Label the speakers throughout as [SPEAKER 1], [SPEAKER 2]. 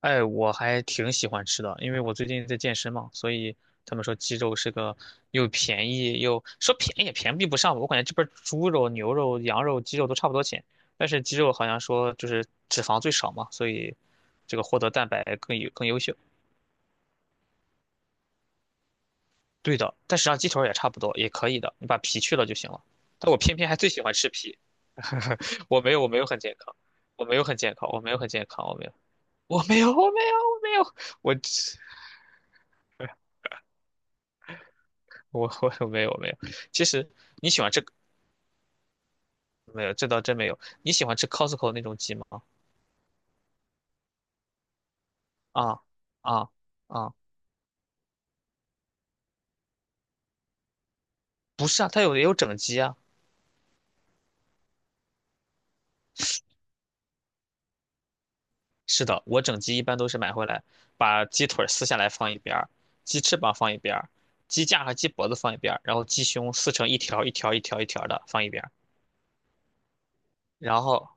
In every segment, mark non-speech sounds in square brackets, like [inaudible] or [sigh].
[SPEAKER 1] 哎，我还挺喜欢吃的，因为我最近在健身嘛，所以他们说鸡肉是个又便宜又说便宜也便宜不上吧。我感觉这边儿猪肉、牛肉、羊肉、鸡肉都差不多钱，但是鸡肉好像说就是脂肪最少嘛，所以这个获得蛋白更优秀。对的，但实际上鸡腿儿也差不多，也可以的，你把皮去了就行了。但我偏偏还最喜欢吃皮。[laughs] 我没有，我没有很健康，我没有很健康，我没有很健康，我没有，我没有，我没有，我没有，我。[laughs] [laughs] 我没有，其实你喜欢吃没有？这倒真没有。你喜欢吃 Costco 那种鸡吗？啊啊啊！不是啊，它也有整鸡啊。是的，我整鸡一般都是买回来，把鸡腿儿撕下来放一边儿，鸡翅膀放一边儿，鸡架和鸡脖子放一边儿，然后鸡胸撕成一条一条一条一条的放一边儿，然后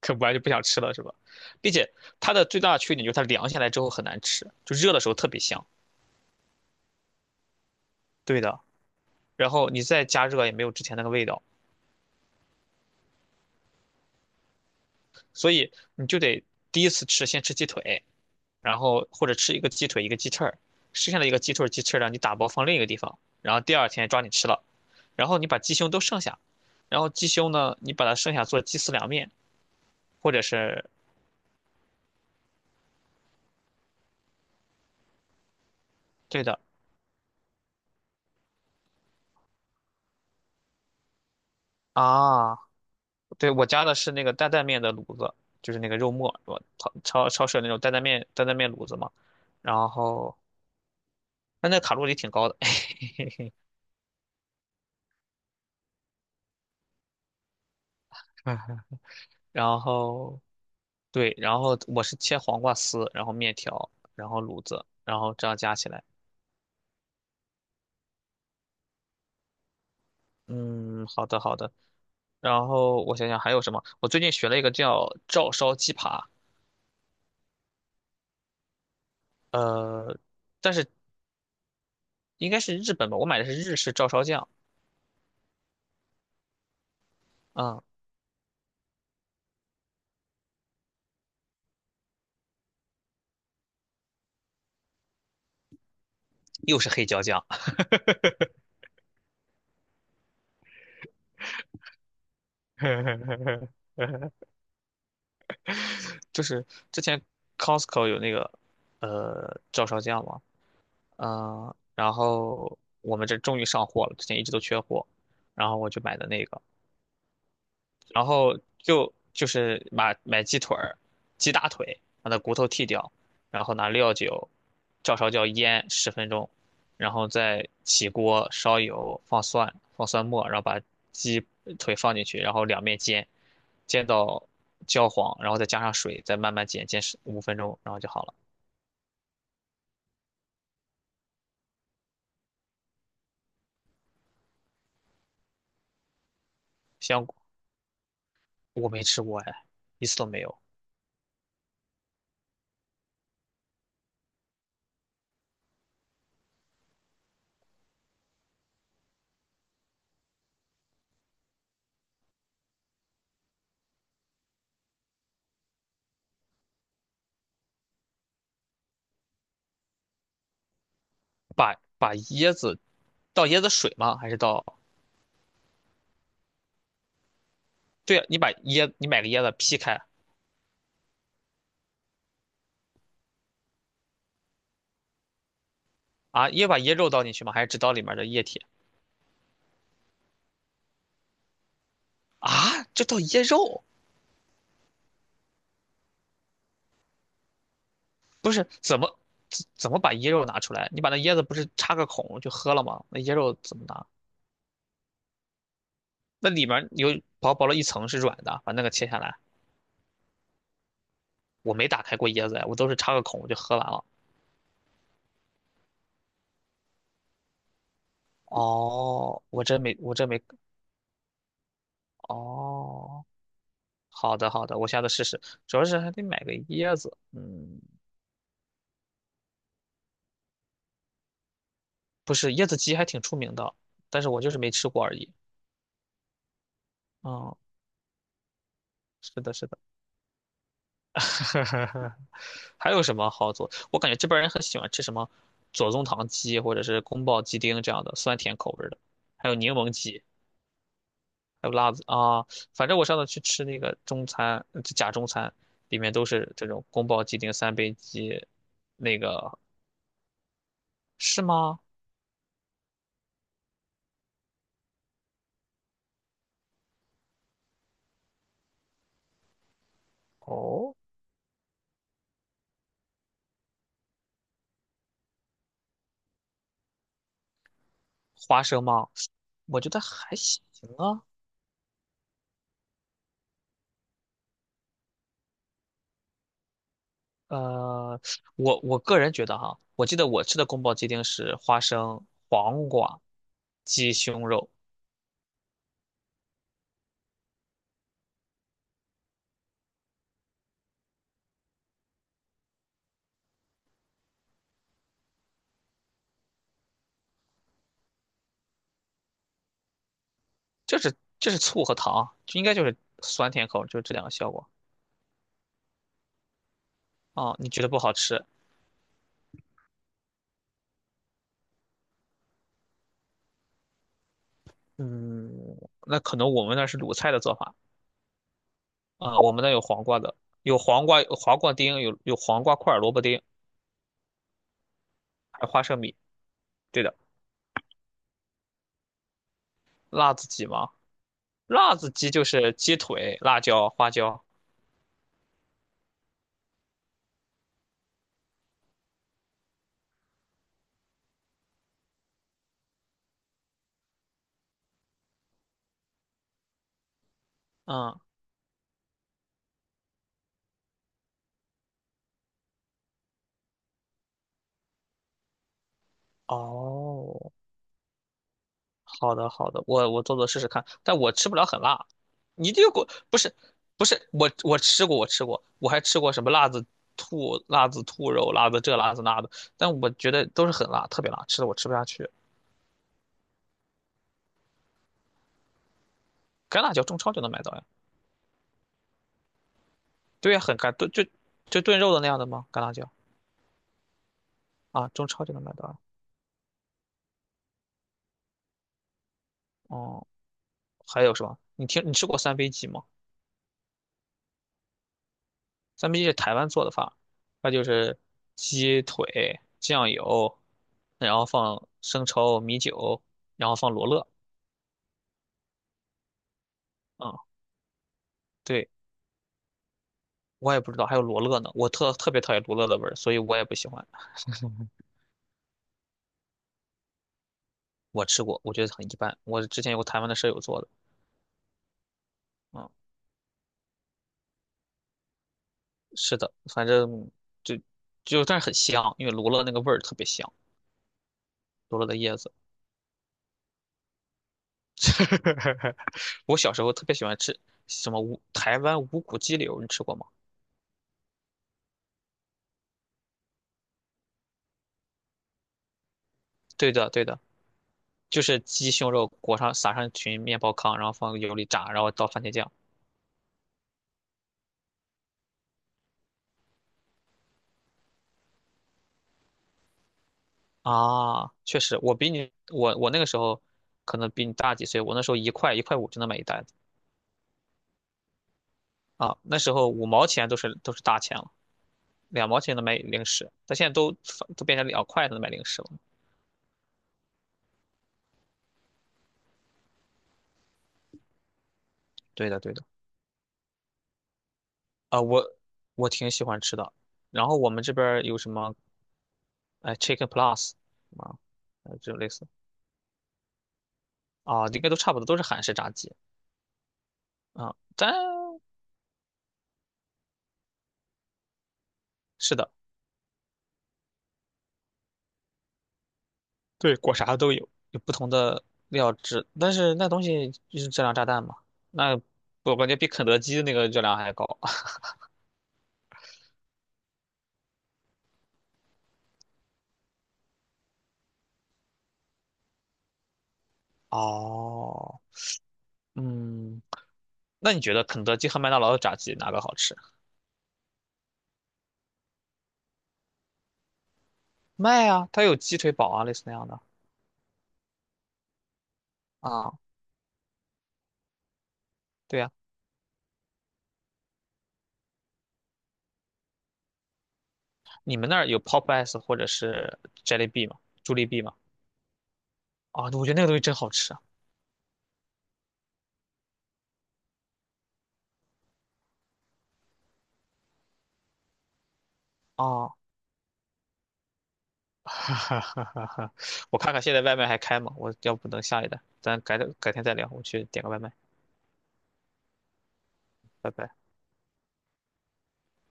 [SPEAKER 1] 啃不完就不想吃了是吧？并且它的最大的缺点就是它凉下来之后很难吃，就热的时候特别香。对的，然后你再加热也没有之前那个味道。所以你就得第一次吃先吃鸡腿，然后或者吃一个鸡腿一个鸡翅儿，剩下的一个鸡腿鸡翅儿让你打包放另一个地方，然后第二天抓紧吃了，然后你把鸡胸都剩下，然后鸡胸呢，你把它剩下做鸡丝凉面。或者是对的啊，对，我加的是那个担担面的卤子，就是那个肉末，我超市有那种担担面卤子嘛。然后但那卡路里挺高的。[laughs] 然后对，然后我是切黄瓜丝，然后面条，然后卤子，然后这样加起来。嗯，好的好的。然后我想想还有什么？我最近学了一个叫照烧鸡扒。呃，但是应该是日本吧，我买的是日式照烧酱。啊，又是黑椒酱。[laughs] 就是之前 Costco 有那个照烧酱嘛。嗯，然后我们这终于上货了，之前一直都缺货，然后我就买的那个。然后就是买鸡腿儿、鸡大腿，把它骨头剔掉，然后拿料酒照烧椒腌10分钟，然后再起锅烧油，放蒜、放蒜末，然后把鸡腿放进去，然后两面煎，煎到焦黄，然后再加上水，再慢慢煎，煎15分钟，然后就好了。香菇我没吃过哎，一次都没有。把椰子，倒椰子水吗？还是倒？对啊，你买个椰子劈开。啊，也把椰肉倒进去吗？还是只倒里面的液体？啊，就倒椰肉？不是，怎么把椰肉拿出来？你把那椰子不是插个孔就喝了吗？那椰肉怎么拿？那里面有薄薄的一层是软的，把那个切下来。我没打开过椰子呀，我都是插个孔我就喝完了。哦，我真没，我真没。哦，好的好的，我下次试试。主要是还得买个椰子，嗯，不是椰子鸡还挺出名的，但是我就是没吃过而已。嗯，是的，是的。[laughs] 还有什么好做？我感觉这边儿人很喜欢吃什么左宗棠鸡或者是宫保鸡丁这样的酸甜口味儿的，还有柠檬鸡，还有辣子啊。反正我上次去吃那个中餐，假中餐，里面都是这种宫保鸡丁、三杯鸡。那个是吗？哦，花生吗？我觉得还行啊。呃，我个人觉得哈，我记得我吃的宫保鸡丁是花生、黄瓜、鸡胸肉。就是醋和糖，就应该就是酸甜口，就是这两个效果啊。你觉得不好吃？嗯，那可能我们那是鲁菜的做法啊，我们那有黄瓜的，有黄瓜，有黄瓜丁，有黄瓜块儿、萝卜丁，还有花生米。对的，辣子鸡吗？辣子鸡就是鸡腿、辣椒、花椒。嗯，哦，好的，好的，我我做做试试看，但我吃不了很辣。你这个果不是，不是我吃过，我吃过，我还吃过什么辣子兔、辣子兔肉、辣子这、辣子那的，但我觉得都是很辣，特别辣，吃的我吃不下去。干辣椒中超就能买到呀？对呀，很干，就炖肉的那样的吗？干辣椒啊，中超就能买到呀。哦，还有什么？你吃过三杯鸡吗？三杯鸡是台湾做的饭，它就是鸡腿、酱油，然后放生抽、米酒，然后放罗勒。嗯，对，我也不知道还有罗勒呢，我特别讨厌罗勒的味儿，所以我也不喜欢。[laughs] 我吃过，我觉得很一般。我之前有个台湾的舍友做的。嗯，是的，反正就但是很香，因为罗勒那个味儿特别香，罗勒的叶子。[laughs] 我小时候特别喜欢吃什么无台湾无骨鸡柳，你吃过吗？对的，对的。就是鸡胸肉裹上撒上一群面包糠，然后放油里炸，然后倒番茄酱。啊，确实，我比你，我那个时候可能比你大几岁，我那时候一块1块5就能买一袋子。啊，那时候5毛钱都是大钱了，2毛钱能买零食，但现在都变成2块才能买零食了。对的对的，啊，我挺喜欢吃的，然后我们这边儿有什么哎 Chicken Plus 啊。这种类似，啊，应该都差不多，都是韩式炸鸡啊，但。是的。对，裹啥的都有，有不同的料汁，但是那东西就是质量炸弹嘛。那我感觉比肯德基的那个热量还高。哦，嗯，那你觉得肯德基和麦当劳的炸鸡哪个好吃？麦啊，它有鸡腿堡啊，类似那样的啊。对呀，你们那儿有 Popeyes 或者是 Jellibee 吗？朱丽 B 吗？啊，我觉得那个东西真好吃啊。啊，[laughs] 哈哈哈哈！我看看现在外卖还开吗？我要不等下一单，咱改天再聊，我去点个外卖，拜拜。